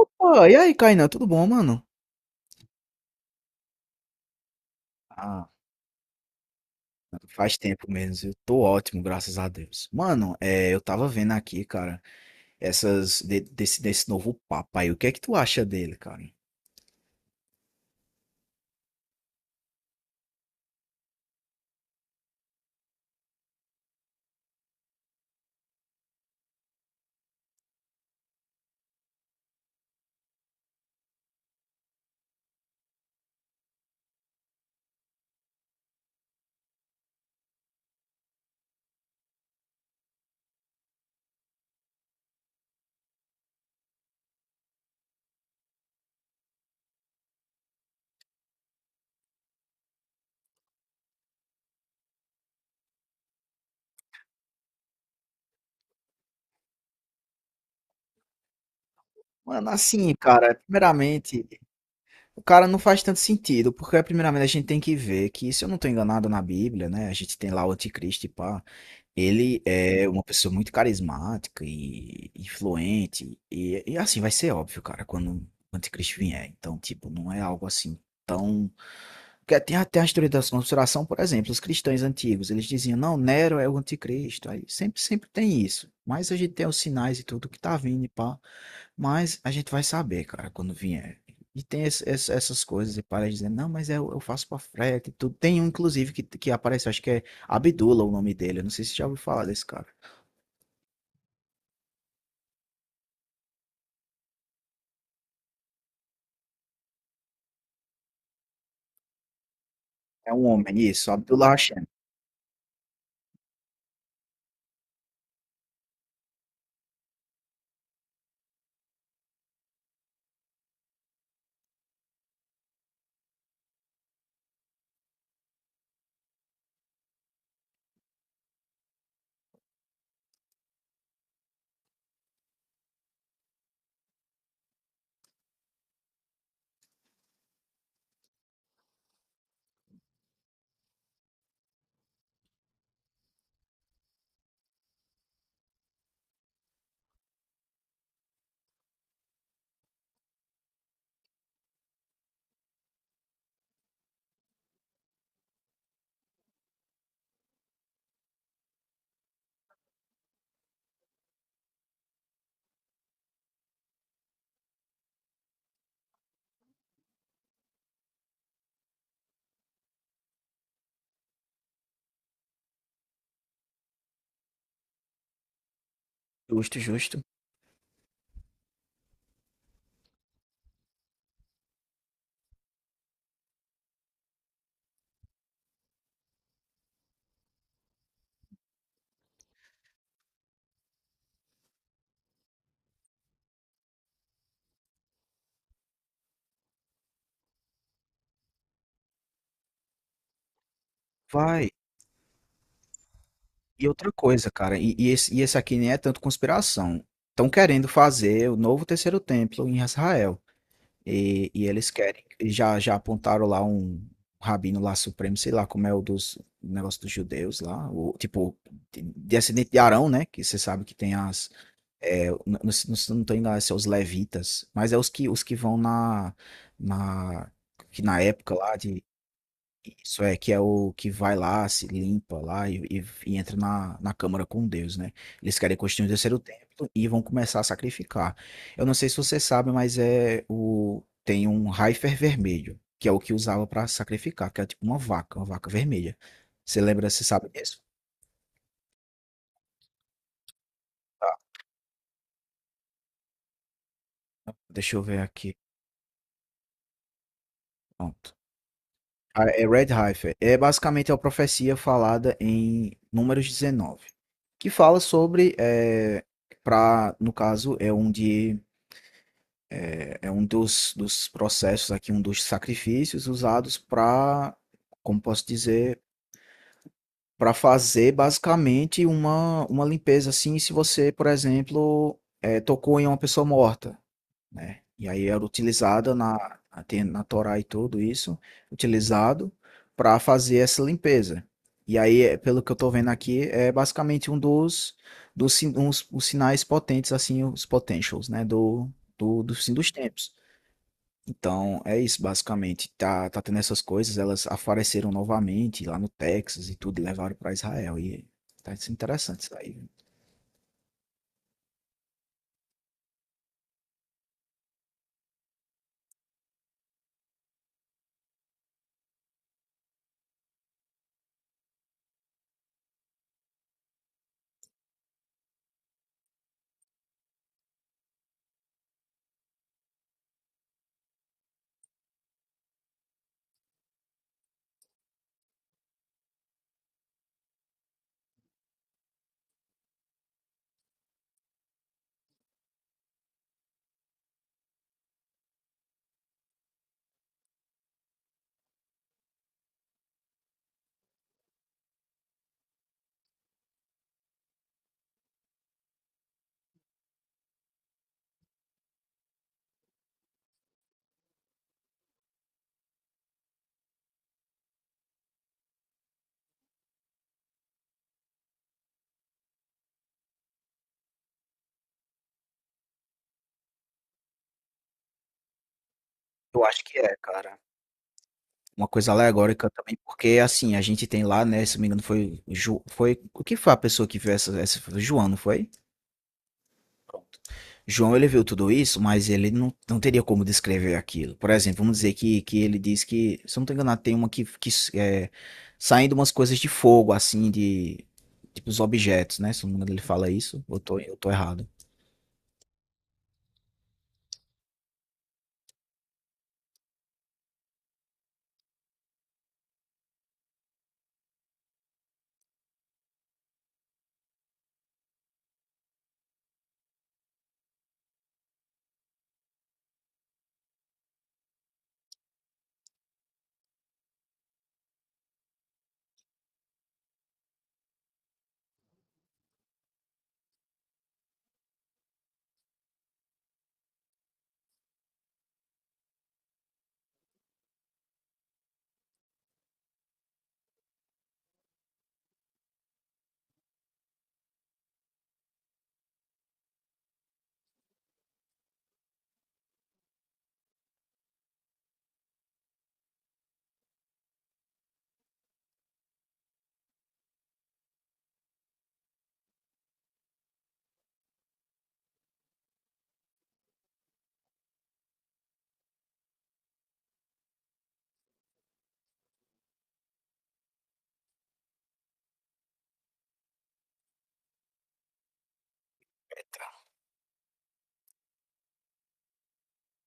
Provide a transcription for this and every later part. Opa, e aí, Kainan, tudo bom, mano? Ah, faz tempo mesmo. Eu tô ótimo, graças a Deus. Mano, eu tava vendo aqui, cara, essas desse novo Papa aí. O que é que tu acha dele, cara? Mano, assim, cara, primeiramente, o cara não faz tanto sentido, porque primeiramente a gente tem que ver que, se eu não tô enganado na Bíblia, né, a gente tem lá o anticristo e pá. Ele é uma pessoa muito carismática e influente. E assim, vai ser óbvio, cara, quando o anticristo vier. Então, tipo, não é algo assim tão. Porque tem até a história da conspiração, por exemplo, os cristãos antigos, eles diziam, não, Nero é o anticristo. Aí sempre tem isso. Mas a gente tem os sinais e tudo que tá vindo e pá. Mas a gente vai saber, cara, quando vier. E tem essas coisas, e para dizer, não, mas eu faço pra frete e tudo. Tem um, inclusive, que aparece, acho que é Abdullah, o nome dele. Eu não sei se você já ouviu falar desse cara. É um homem, isso, Abdullah Hashem. Justo, justo. Vai. E outra coisa, cara, e esse aqui nem é tanto conspiração. Estão querendo fazer o novo terceiro templo em Israel. E eles querem. Já apontaram lá um rabino lá supremo, sei lá como é o dos o negócio dos judeus lá. O, tipo, descendente de Arão, né? Que você sabe que tem as. É, não tô se é os levitas, mas é os que vão na, que na época lá de, isso é, que é o que vai lá, se limpa lá e entra na câmara com Deus, né? Eles querem construir o terceiro templo e vão começar a sacrificar. Eu não sei se você sabe, mas é o, tem um Heifer vermelho, que é o que usava para sacrificar, que é tipo uma vaca vermelha. Você lembra, você sabe disso? Deixa eu ver aqui. Pronto. Ah, é Red Heifer. É basicamente a profecia falada em Números 19, que fala sobre, é, pra, no caso, é um, de, é um dos processos aqui, um dos sacrifícios usados para, como posso dizer, para fazer basicamente uma limpeza assim, se você, por exemplo, é, tocou em uma pessoa morta, né? E aí era utilizada na, tem na Torá e tudo isso, utilizado para fazer essa limpeza. E aí, é, pelo que eu tô vendo aqui, é basicamente um os sinais potentes, assim, os potentials, né? Do fim dos tempos. Então, é isso, basicamente. Tá, tá tendo essas coisas, elas apareceram novamente lá no Texas e tudo, e levaram para Israel. E tá sendo interessante isso aí. Eu acho que é, cara. Uma coisa alegórica também, porque assim, a gente tem lá, né, se não me engano, o que foi a pessoa que viu essa foi o João, não foi? Pronto. João, ele viu tudo isso, mas ele não teria como descrever aquilo. Por exemplo, vamos dizer que ele diz que, se eu não estou enganado, tem uma que é, saindo umas coisas de fogo, assim, de, tipo, os objetos, né, se eu não me engano, ele fala isso, eu tô errado.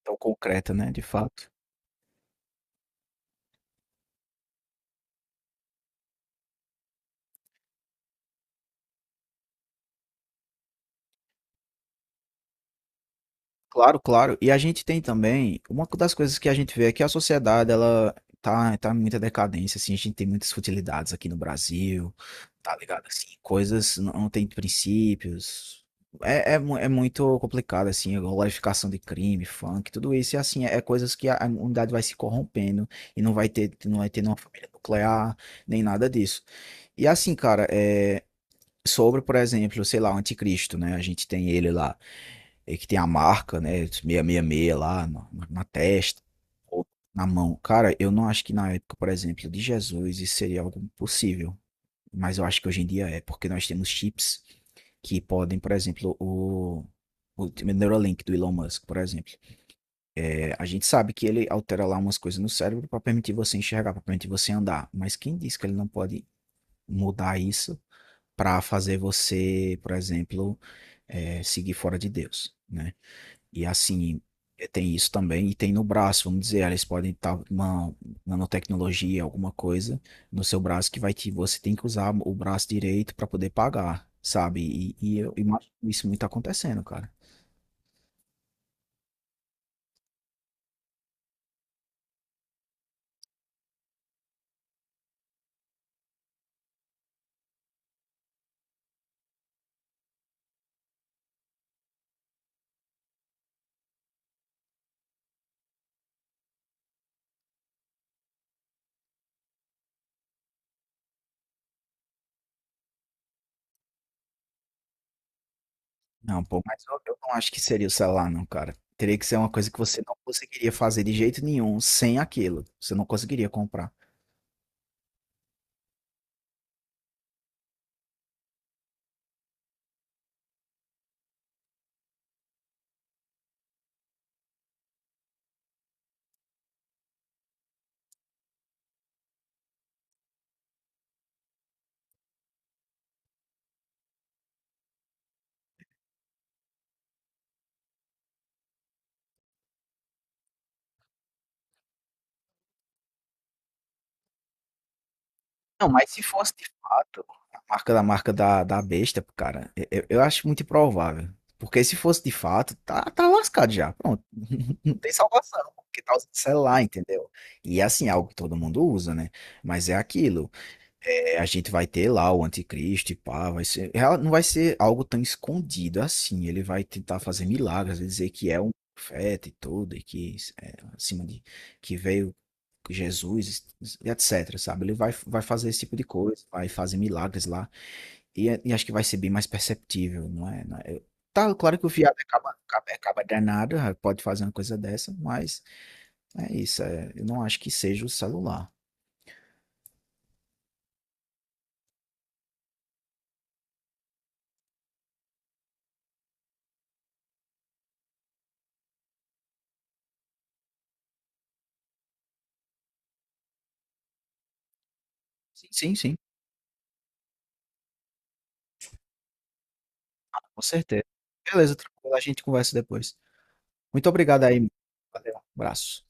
Então, concreta, né, de fato. Claro, claro. E a gente tem também, uma das coisas que a gente vê é que a sociedade, ela tá em muita decadência, assim, a gente tem muitas futilidades aqui no Brasil, tá ligado? Assim, coisas não tem princípios. É muito complicado, assim, a glorificação de crime, funk, tudo isso, e assim, é, coisas que a humanidade vai se corrompendo e não vai ter, não vai ter nenhuma família nuclear, nem nada disso. E assim, cara, é, sobre, por exemplo, sei lá, o anticristo, né? A gente tem ele lá. E que tem a marca, né? 666 lá na testa, ou na mão. Cara, eu não acho que na época, por exemplo, de Jesus, isso seria algo possível. Mas eu acho que hoje em dia é, porque nós temos chips que podem, por exemplo, o Neuralink do Elon Musk, por exemplo. É, a gente sabe que ele altera lá umas coisas no cérebro para permitir você enxergar, para permitir você andar. Mas quem diz que ele não pode mudar isso para fazer você, por exemplo, é, seguir fora de Deus, né? E assim, tem isso também, e tem no braço, vamos dizer, elas podem estar com uma nanotecnologia, alguma coisa no seu braço que vai te, você tem que usar o braço direito para poder pagar, sabe? E eu imagino isso muito acontecendo, cara. Não, pô, mas eu não acho que seria o celular, não, cara. Teria que ser uma coisa que você não conseguiria fazer de jeito nenhum sem aquilo. Você não conseguiria comprar. Não, mas se fosse de fato a marca da besta, cara, eu acho muito improvável. Porque se fosse de fato, tá, tá lascado já. Pronto. Não tem salvação. Porque tá usando celular, entendeu? E é assim, é algo que todo mundo usa, né? Mas é aquilo. É, a gente vai ter lá o anticristo e pá, vai ser, ela não vai ser algo tão escondido assim. Ele vai tentar fazer milagres, vai dizer que é um profeta e tudo, e que é, acima de que veio Jesus, e etc, sabe? Ele vai fazer esse tipo de coisa, vai fazer milagres lá, e, é, e acho que vai ser bem mais perceptível, não é? Não é- Tá, claro que o viado acaba danado, ah, pode fazer uma coisa dessa, mas é isso, é, eu não acho que seja o celular. Sim, sim, sim. Com certeza. Beleza, tranquilo, a gente conversa depois. Muito obrigado aí. Valeu, abraço.